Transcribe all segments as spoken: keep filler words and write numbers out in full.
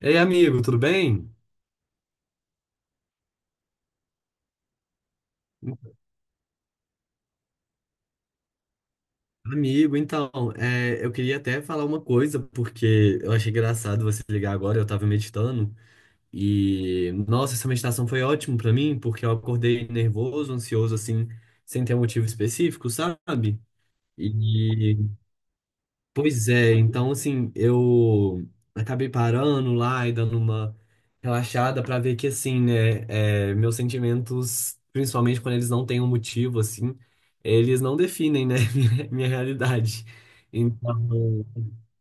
Ei, amigo, tudo bem? Amigo, então, é, eu queria até falar uma coisa, porque eu achei engraçado você ligar agora, eu tava meditando, e, nossa, essa meditação foi ótima pra mim, porque eu acordei nervoso, ansioso, assim, sem ter um motivo específico, sabe? E Pois é, então assim, eu acabei parando lá e dando uma relaxada pra ver que assim, né, é, meus sentimentos, principalmente quando eles não têm um motivo, assim, eles não definem, né, minha, minha realidade. Então,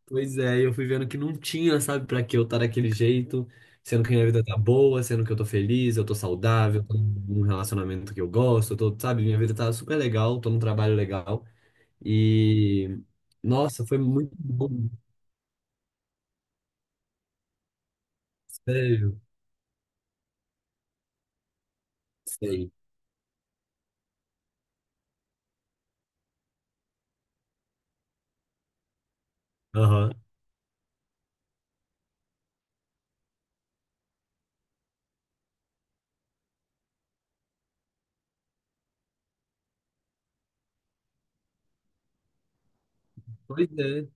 pois é, eu fui vendo que não tinha, sabe, pra que eu estar daquele jeito, sendo que minha vida tá boa, sendo que eu tô feliz, eu tô saudável, tô num relacionamento que eu gosto, eu tô, sabe, minha vida tá super legal, tô num trabalho legal. E nossa, foi muito bom, sério, sei. Aham. Pois é.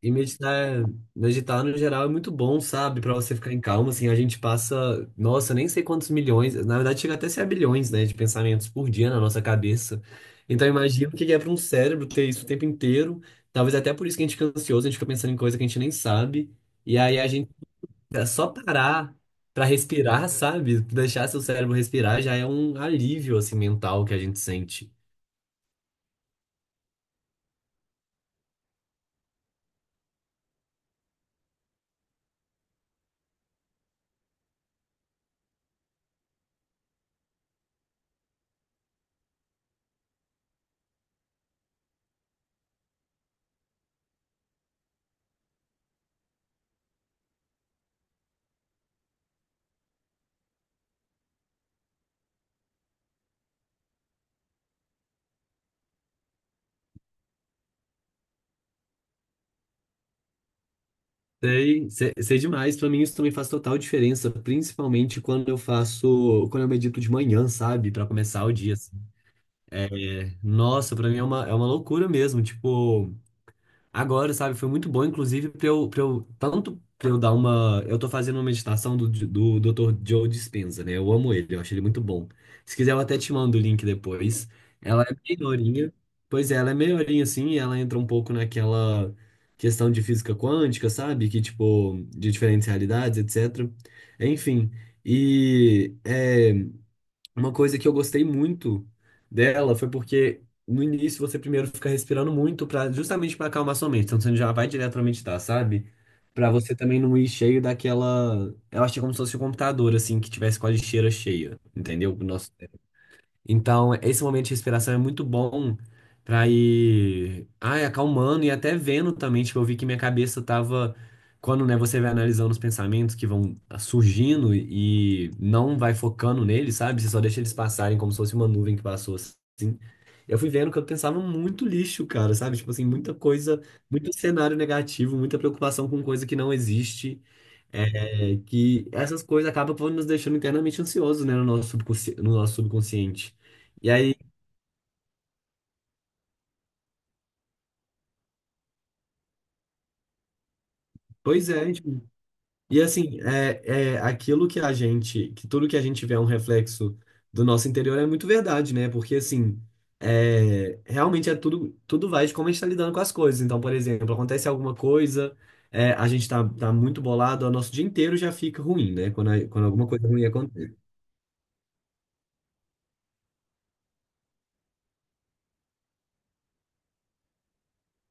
E meditar, meditar no geral é muito bom, sabe? Pra você ficar em calma, assim, a gente passa, nossa, nem sei quantos milhões, na verdade chega até a ser a bilhões, né, de pensamentos por dia na nossa cabeça. Então imagina o que é para um cérebro ter isso o tempo inteiro. Talvez até por isso que a gente fica ansioso, a gente fica pensando em coisa que a gente nem sabe. E aí a gente É só parar pra respirar, sabe? Deixar seu cérebro respirar já é um alívio, assim, mental que a gente sente. Sei, sei, sei demais. Pra mim isso também faz total diferença, principalmente quando eu faço, quando eu medito de manhã, sabe? Pra começar o dia, assim. É, nossa, pra mim é uma, é uma loucura mesmo. Tipo, agora, sabe? Foi muito bom, inclusive, pra eu, pra eu tanto pra eu dar uma. Eu tô fazendo uma meditação do, do doutor Joe Dispenza, né? Eu amo ele, eu acho ele muito bom. Se quiser, eu até te mando o link depois. Ela é meia horinha. Pois é, ela é meia horinha assim, e ela entra um pouco naquela questão de física quântica, sabe? Que, tipo, de diferentes realidades, etcetera. Enfim. E. é, uma coisa que eu gostei muito dela foi porque no início você primeiro fica respirando muito para justamente para acalmar sua mente. Então você já vai direto para meditar, sabe? Para você também não ir cheio daquela, eu achei como se fosse um computador assim que tivesse com a lixeira cheia, entendeu? Então, esse momento de respiração é muito bom pra ir, ai, acalmando e até vendo também, tipo, eu vi que minha cabeça tava, quando, né, você vai analisando os pensamentos que vão ah, surgindo e não vai focando neles, sabe? Você só deixa eles passarem como se fosse uma nuvem que passou assim. Eu fui vendo que eu pensava muito lixo, cara, sabe? Tipo assim, muita coisa, muito cenário negativo, muita preocupação com coisa que não existe. É que essas coisas acabam por nos deixando internamente ansiosos, né, no nosso subconsci... no nosso subconsciente. E aí, pois é, tipo, e assim, é, é aquilo que a gente, que tudo que a gente vê é um reflexo do nosso interior é muito verdade, né? Porque assim, é, realmente é tudo, tudo vai de como a gente está lidando com as coisas. Então, por exemplo, acontece alguma coisa, é, a gente tá, tá muito bolado, o nosso dia inteiro já fica ruim, né? Quando, a- quando alguma coisa ruim.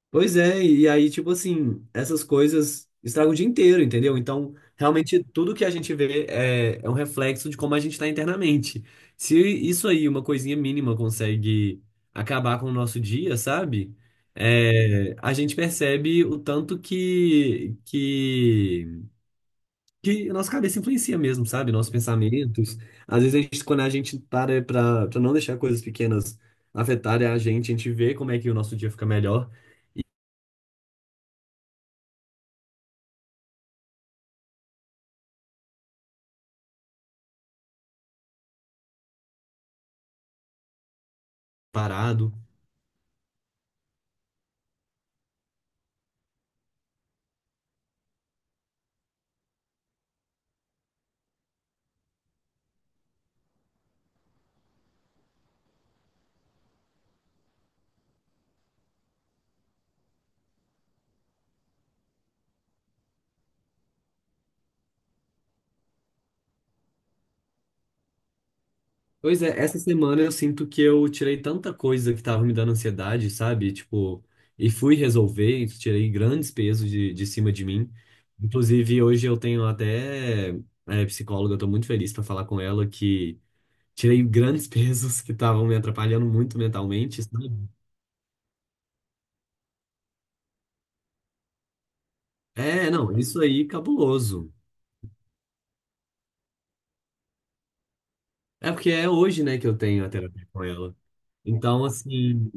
Pois é, e aí, tipo assim, essas coisas estragam o dia inteiro, entendeu? Então, realmente, tudo que a gente vê é, é um reflexo de como a gente está internamente. Se isso aí, uma coisinha mínima, consegue acabar com o nosso dia, sabe? É, a gente percebe o tanto que, que, que a nossa cabeça influencia mesmo, sabe? Nossos pensamentos. Às vezes, a gente, quando a gente para pra, pra não deixar coisas pequenas afetarem a gente, a gente vê como é que o nosso dia fica melhor, parado. Pois é, essa semana eu sinto que eu tirei tanta coisa que tava me dando ansiedade, sabe? Tipo, e fui resolver, e tirei grandes pesos de, de cima de mim. Inclusive, hoje eu tenho até é, psicóloga, eu tô muito feliz pra falar com ela que tirei grandes pesos que estavam me atrapalhando muito mentalmente, sabe? É, não, isso aí, cabuloso. É porque é hoje, né, que eu tenho a terapia com ela. Então, assim,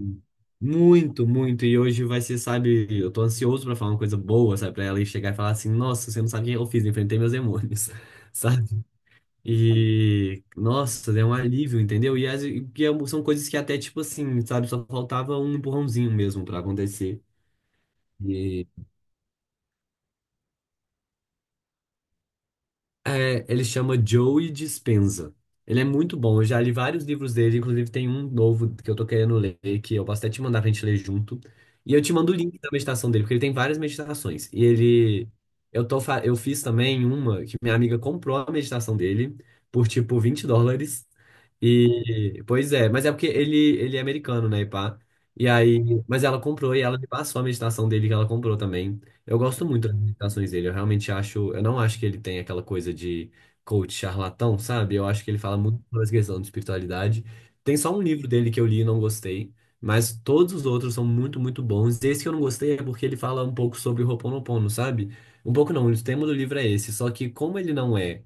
muito, muito. E hoje vai ser, sabe, eu tô ansioso pra falar uma coisa boa, sabe, pra ela e chegar e falar assim: nossa, você não sabe o que eu fiz, enfrentei meus demônios, sabe? E, nossa, é um alívio, entendeu? E as- e que é- são coisas que até, tipo assim, sabe, só faltava um empurrãozinho mesmo pra acontecer. É, ele chama Joey Dispenza. Ele é muito bom, eu já li vários livros dele, inclusive tem um novo que eu tô querendo ler, que eu posso até te mandar pra gente ler junto. E eu te mando o link da meditação dele, porque ele tem várias meditações. E ele. Eu, tô, fa- eu fiz também uma que minha amiga comprou a meditação dele por tipo vinte dólares. E. Pois é, mas é porque ele, ele é americano, né, e pá. E aí. Mas ela comprou e ela me passou a meditação dele que ela comprou também. Eu gosto muito das imitações dele. Eu realmente acho. Eu não acho que ele tem aquela coisa de coach charlatão, sabe? Eu acho que ele fala muito sobre essa questão de espiritualidade. Tem só um livro dele que eu li e não gostei, mas todos os outros são muito, muito bons. Esse que eu não gostei é porque ele fala um pouco sobre o Ho'oponopono, sabe? Um pouco não, o tema do livro é esse. Só que como ele não é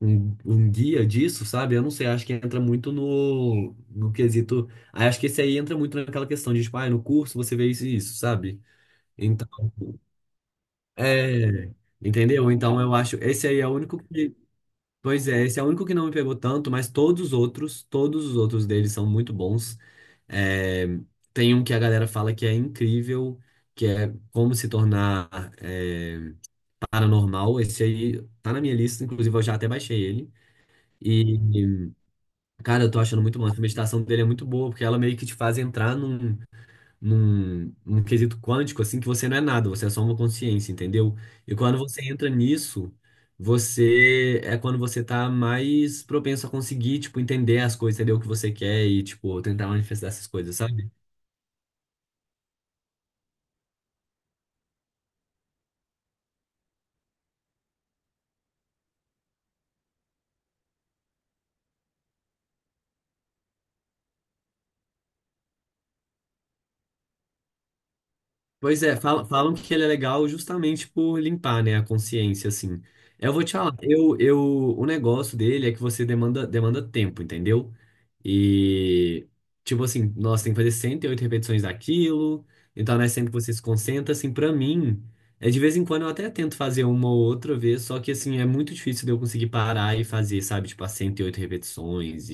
um, um guia disso, sabe? Eu não sei, acho que entra muito no, no quesito. Aí acho que esse aí entra muito naquela questão de, tipo, ah, no curso você vê isso e isso, sabe? Então. É, entendeu? Então eu acho, esse aí é o único que, pois é, esse é o único que não me pegou tanto, mas todos os outros, todos os outros deles são muito bons. É, tem um que a galera fala que é incrível, que é Como Se Tornar é, Paranormal. Esse aí tá na minha lista, inclusive eu já até baixei ele. E, cara, eu tô achando muito massa. A meditação dele é muito boa, porque ela meio que te faz entrar num num, num quesito quântico, assim, que você não é nada, você é só uma consciência, entendeu? E quando você entra nisso, você é quando você tá mais propenso a conseguir, tipo, entender as coisas, entender o que você quer e, tipo, tentar manifestar essas coisas, sabe? Pois é, fala- falam que ele é legal justamente por limpar, né, a consciência, assim. Eu vou te falar, eu, eu, o negócio dele é que você demanda, demanda tempo, entendeu? E, tipo assim, nossa, tem que fazer cento e oito repetições daquilo, então não é sempre que você se concentra, assim, pra mim, é de vez em quando eu até tento fazer uma ou outra vez, só que, assim, é muito difícil de eu conseguir parar e fazer, sabe, tipo, as cento e oito repetições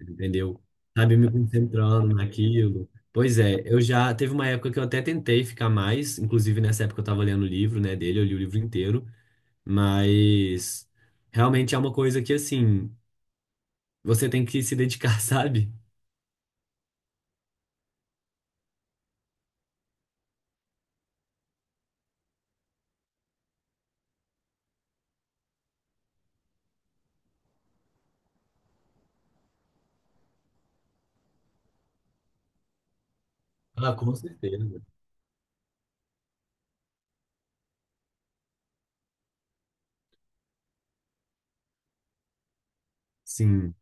entendeu? Sabe, me concentrando naquilo. Pois é, eu já teve uma época que eu até tentei ficar mais, inclusive nessa época eu tava lendo o livro, né, dele, eu li o livro inteiro, mas realmente é uma coisa que assim, você tem que se dedicar, sabe? Ah, com certeza. Sim,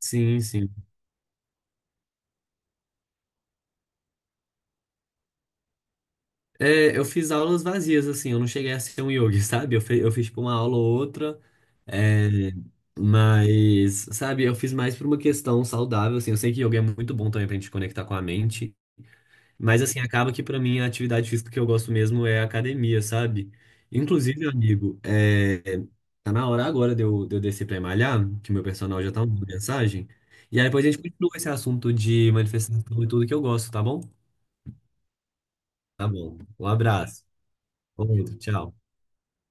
sim, sim. É, eu fiz aulas vazias, assim, eu não cheguei a ser um yogi, sabe? Eu, fe- eu fiz, tipo, uma aula ou outra, é, mas, sabe, eu fiz mais por uma questão saudável, assim, eu sei que yoga é muito bom também pra gente conectar com a mente, mas, assim, acaba que pra mim a atividade física que eu gosto mesmo é a academia, sabe? Inclusive, amigo, é, tá na hora agora de eu, de eu descer pra malhar, que meu personal já tá mandando mensagem, e aí depois a gente continua esse assunto de manifestação e tudo que eu gosto, tá bom? Tá bom, um abraço, outro, tchau.